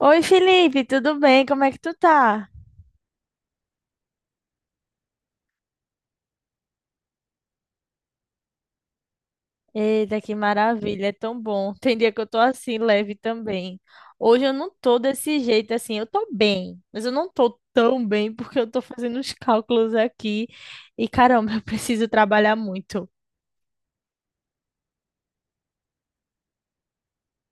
Oi, Felipe, tudo bem? Como é que tu tá? Eita, que maravilha, é tão bom. Tem dia que eu tô assim, leve também. Hoje eu não tô desse jeito assim, eu tô bem, mas eu não tô tão bem porque eu tô fazendo os cálculos aqui e caramba, eu preciso trabalhar muito.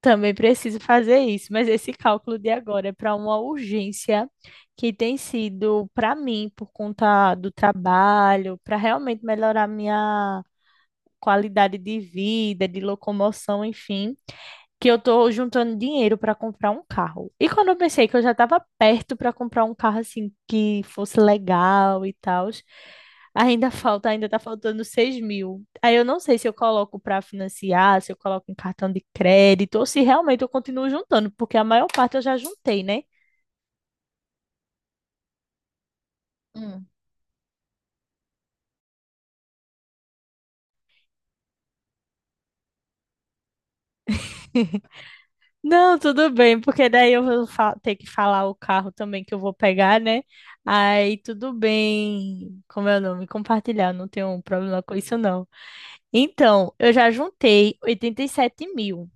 Também preciso fazer isso, mas esse cálculo de agora é para uma urgência que tem sido para mim por conta do trabalho, para realmente melhorar minha qualidade de vida, de locomoção, enfim, que eu tô juntando dinheiro para comprar um carro. E quando eu pensei que eu já estava perto para comprar um carro assim que fosse legal e tal, ainda falta, ainda tá faltando 6 mil. Aí eu não sei se eu coloco para financiar, se eu coloco em cartão de crédito ou se realmente eu continuo juntando, porque a maior parte eu já juntei, né? Não, tudo bem, porque daí eu vou ter que falar o carro também que eu vou pegar, né? Aí tudo bem, como é o nome? Compartilhar, não tenho problema com isso, não. Então, eu já juntei 87 mil.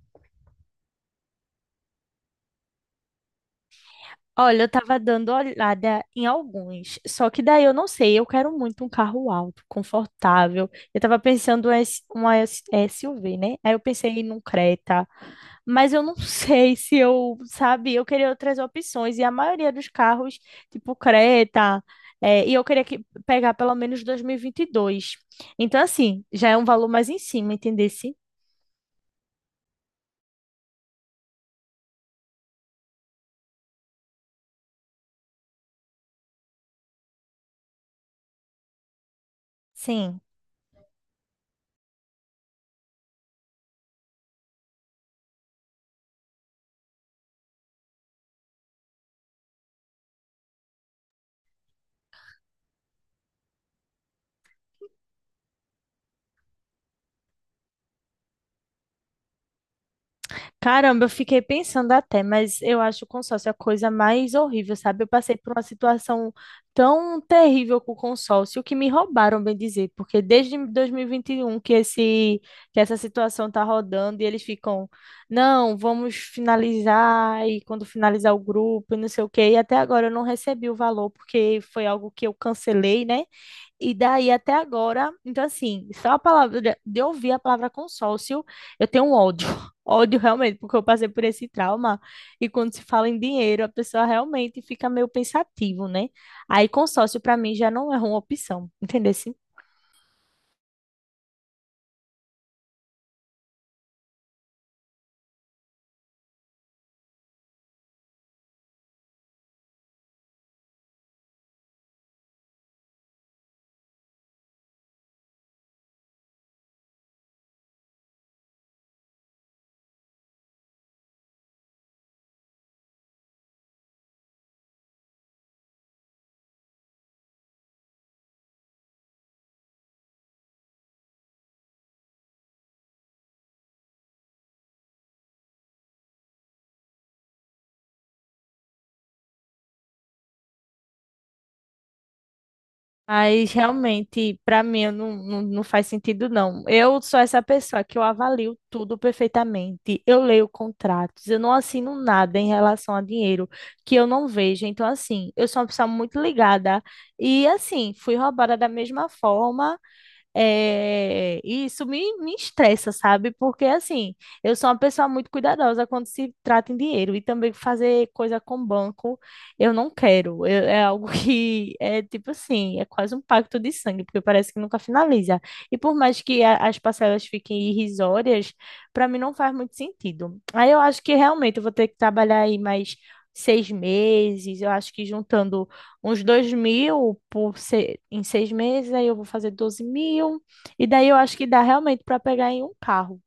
Olha, eu tava dando olhada em alguns, só que daí eu não sei, eu quero muito um carro alto, confortável. Eu tava pensando em uma SUV, né? Aí eu pensei num Creta, mas eu não sei se eu, sabe, eu queria outras opções. E a maioria dos carros, tipo Creta, e eu queria pegar pelo menos 2022. Então, assim, já é um valor mais em cima, entendesse? Sim. Caramba, eu fiquei pensando até, mas eu acho o consórcio a coisa mais horrível, sabe? Eu passei por uma situação tão terrível com o consórcio que me roubaram, bem dizer, porque desde 2021 que essa situação tá rodando e eles ficam, não, vamos finalizar e quando finalizar o grupo e não sei o quê, e até agora eu não recebi o valor porque foi algo que eu cancelei, né? E daí até agora, então assim, só a palavra de ouvir a palavra consórcio, eu tenho um ódio. Ódio realmente, porque eu passei por esse trauma. E quando se fala em dinheiro, a pessoa realmente fica meio pensativo, né? Aí consórcio para mim já não é uma opção, entendeu? Mas realmente, para mim, eu não, não, não faz sentido, não. Eu sou essa pessoa que eu avalio tudo perfeitamente. Eu leio contratos, eu não assino nada em relação a dinheiro que eu não vejo. Então, assim, eu sou uma pessoa muito ligada. E, assim, fui roubada da mesma forma. É, e isso me estressa, sabe? Porque, assim, eu sou uma pessoa muito cuidadosa quando se trata em dinheiro. E também fazer coisa com banco, eu não quero. É algo que é tipo assim, é quase um pacto de sangue, porque parece que nunca finaliza. E por mais que as parcelas fiquem irrisórias, para mim não faz muito sentido. Aí eu acho que realmente eu vou ter que trabalhar aí mais 6 meses. Eu acho que juntando uns 2 mil por em 6 meses, aí eu vou fazer 12 mil. E daí eu acho que dá realmente para pegar em um carro.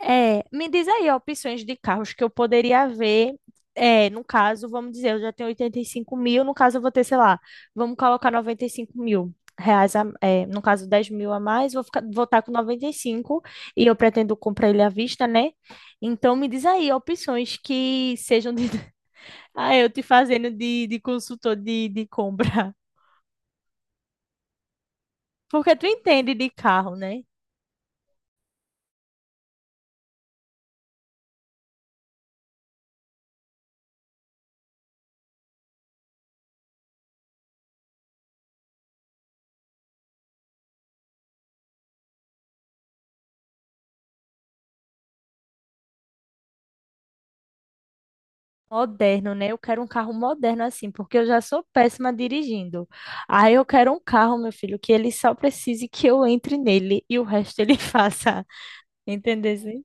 É, me diz aí opções de carros que eu poderia ver. É, no caso, vamos dizer, eu já tenho 85 mil, no caso eu vou ter, sei lá, vamos colocar 95 mil reais, é, no caso 10 mil a mais, vou ficar, vou estar com 95 e eu pretendo comprar ele à vista, né? Então me diz aí opções que sejam de... Ah, eu te fazendo de consultor de compra. Porque tu entende de carro, né? Moderno, né? Eu quero um carro moderno assim, porque eu já sou péssima dirigindo. Aí eu quero um carro, meu filho, que ele só precise que eu entre nele e o resto ele faça. Entendeu? Assim?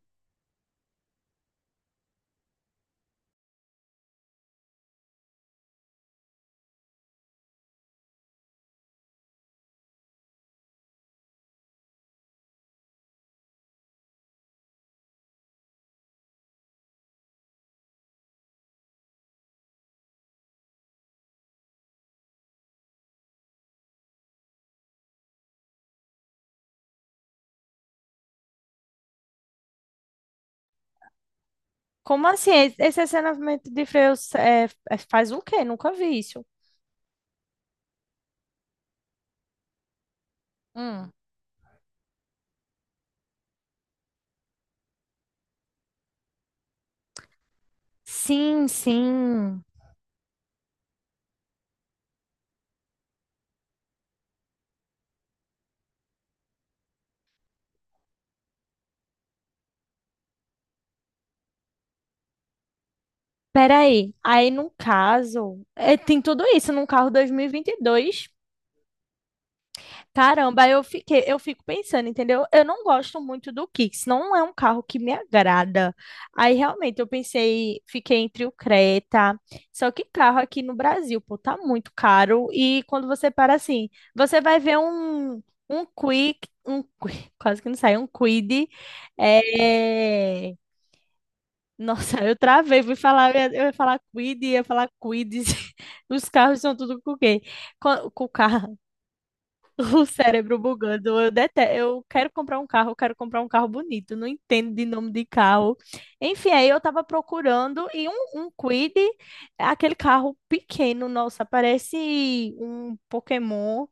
Como assim? Esse acionamento de freios é, faz o quê? Nunca vi isso. Hum. Sim, sim. Peraí. Aí, no caso, é, tem tudo isso num carro 2022. Caramba, eu fiquei, eu fico pensando, entendeu? Eu não gosto muito do Kicks, não é um carro que me agrada. Aí realmente eu pensei, fiquei entre o Creta. Só que carro aqui no Brasil, pô, tá muito caro e quando você para assim, você vai ver um Quick, quase que não sai, um Quid. É... Nossa, eu travei, fui falar, eu ia falar Quid, ia falar Quids. Os carros são tudo com o quê? Com o carro. O cérebro bugando. Eu detesto. Eu quero comprar um carro, eu quero comprar um carro bonito. Não entendo de nome de carro. Enfim, aí eu tava procurando e um Kwid, aquele carro pequeno, nossa, parece um Pokémon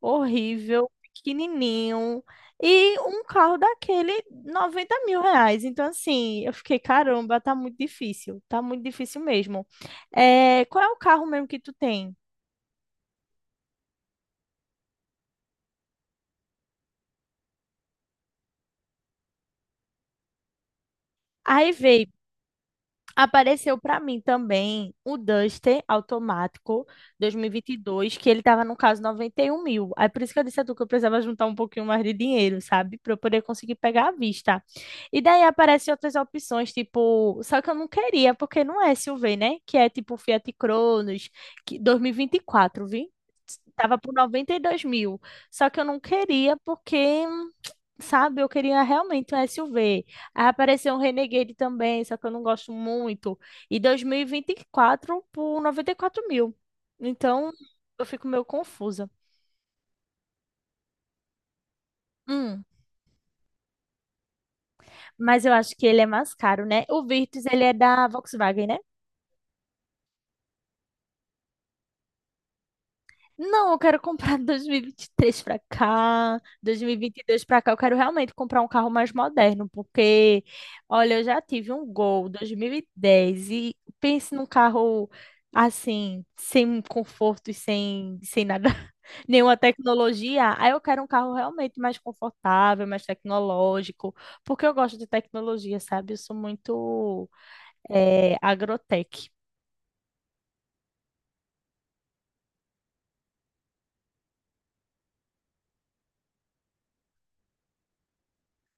horrível, pequenininho. E um carro daquele, 90 mil reais. Então, assim, eu fiquei, caramba, tá muito difícil. Tá muito difícil mesmo. É, qual é o carro mesmo que tu tem? Aí veio. Apareceu para mim também o Duster automático 2022, que ele tava no caso 91 mil. Aí por isso que eu disse a tu que eu precisava juntar um pouquinho mais de dinheiro, sabe? Para eu poder conseguir pegar à vista. E daí aparecem outras opções, tipo, só que eu não queria, porque não é SUV, né? Que é tipo Fiat Cronos, que 2024, vi? Tava por 92 mil. Só que eu não queria porque sabe, eu queria realmente um SUV. Aí apareceu um Renegade também, só que eu não gosto muito. E 2024 por 94 mil. Então, eu fico meio confusa. Hum, mas eu acho que ele é mais caro, né? O Virtus, ele é da Volkswagen, né? Não, eu quero comprar 2023 para cá, 2022 para cá. Eu quero realmente comprar um carro mais moderno, porque, olha, eu já tive um Gol 2010 e dez e pense num carro assim, sem conforto e sem, sem nada, nenhuma tecnologia. Aí eu quero um carro realmente mais confortável, mais tecnológico, porque eu gosto de tecnologia, sabe? Eu sou muito agrotech.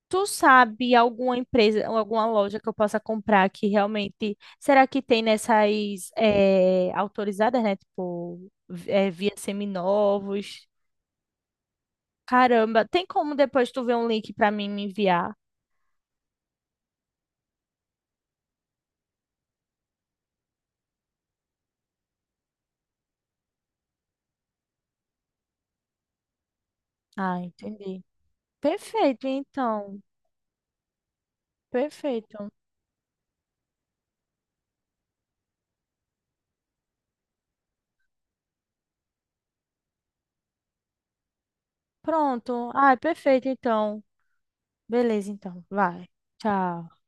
Tu sabe alguma empresa, ou alguma loja que eu possa comprar que realmente. Será que tem nessas autorizadas, né? Tipo, via seminovos? Caramba, tem como depois tu ver um link pra mim me enviar? Ah, entendi. Perfeito, então. Perfeito. Pronto. Ah, perfeito, então. Beleza, então. Vai. Tchau.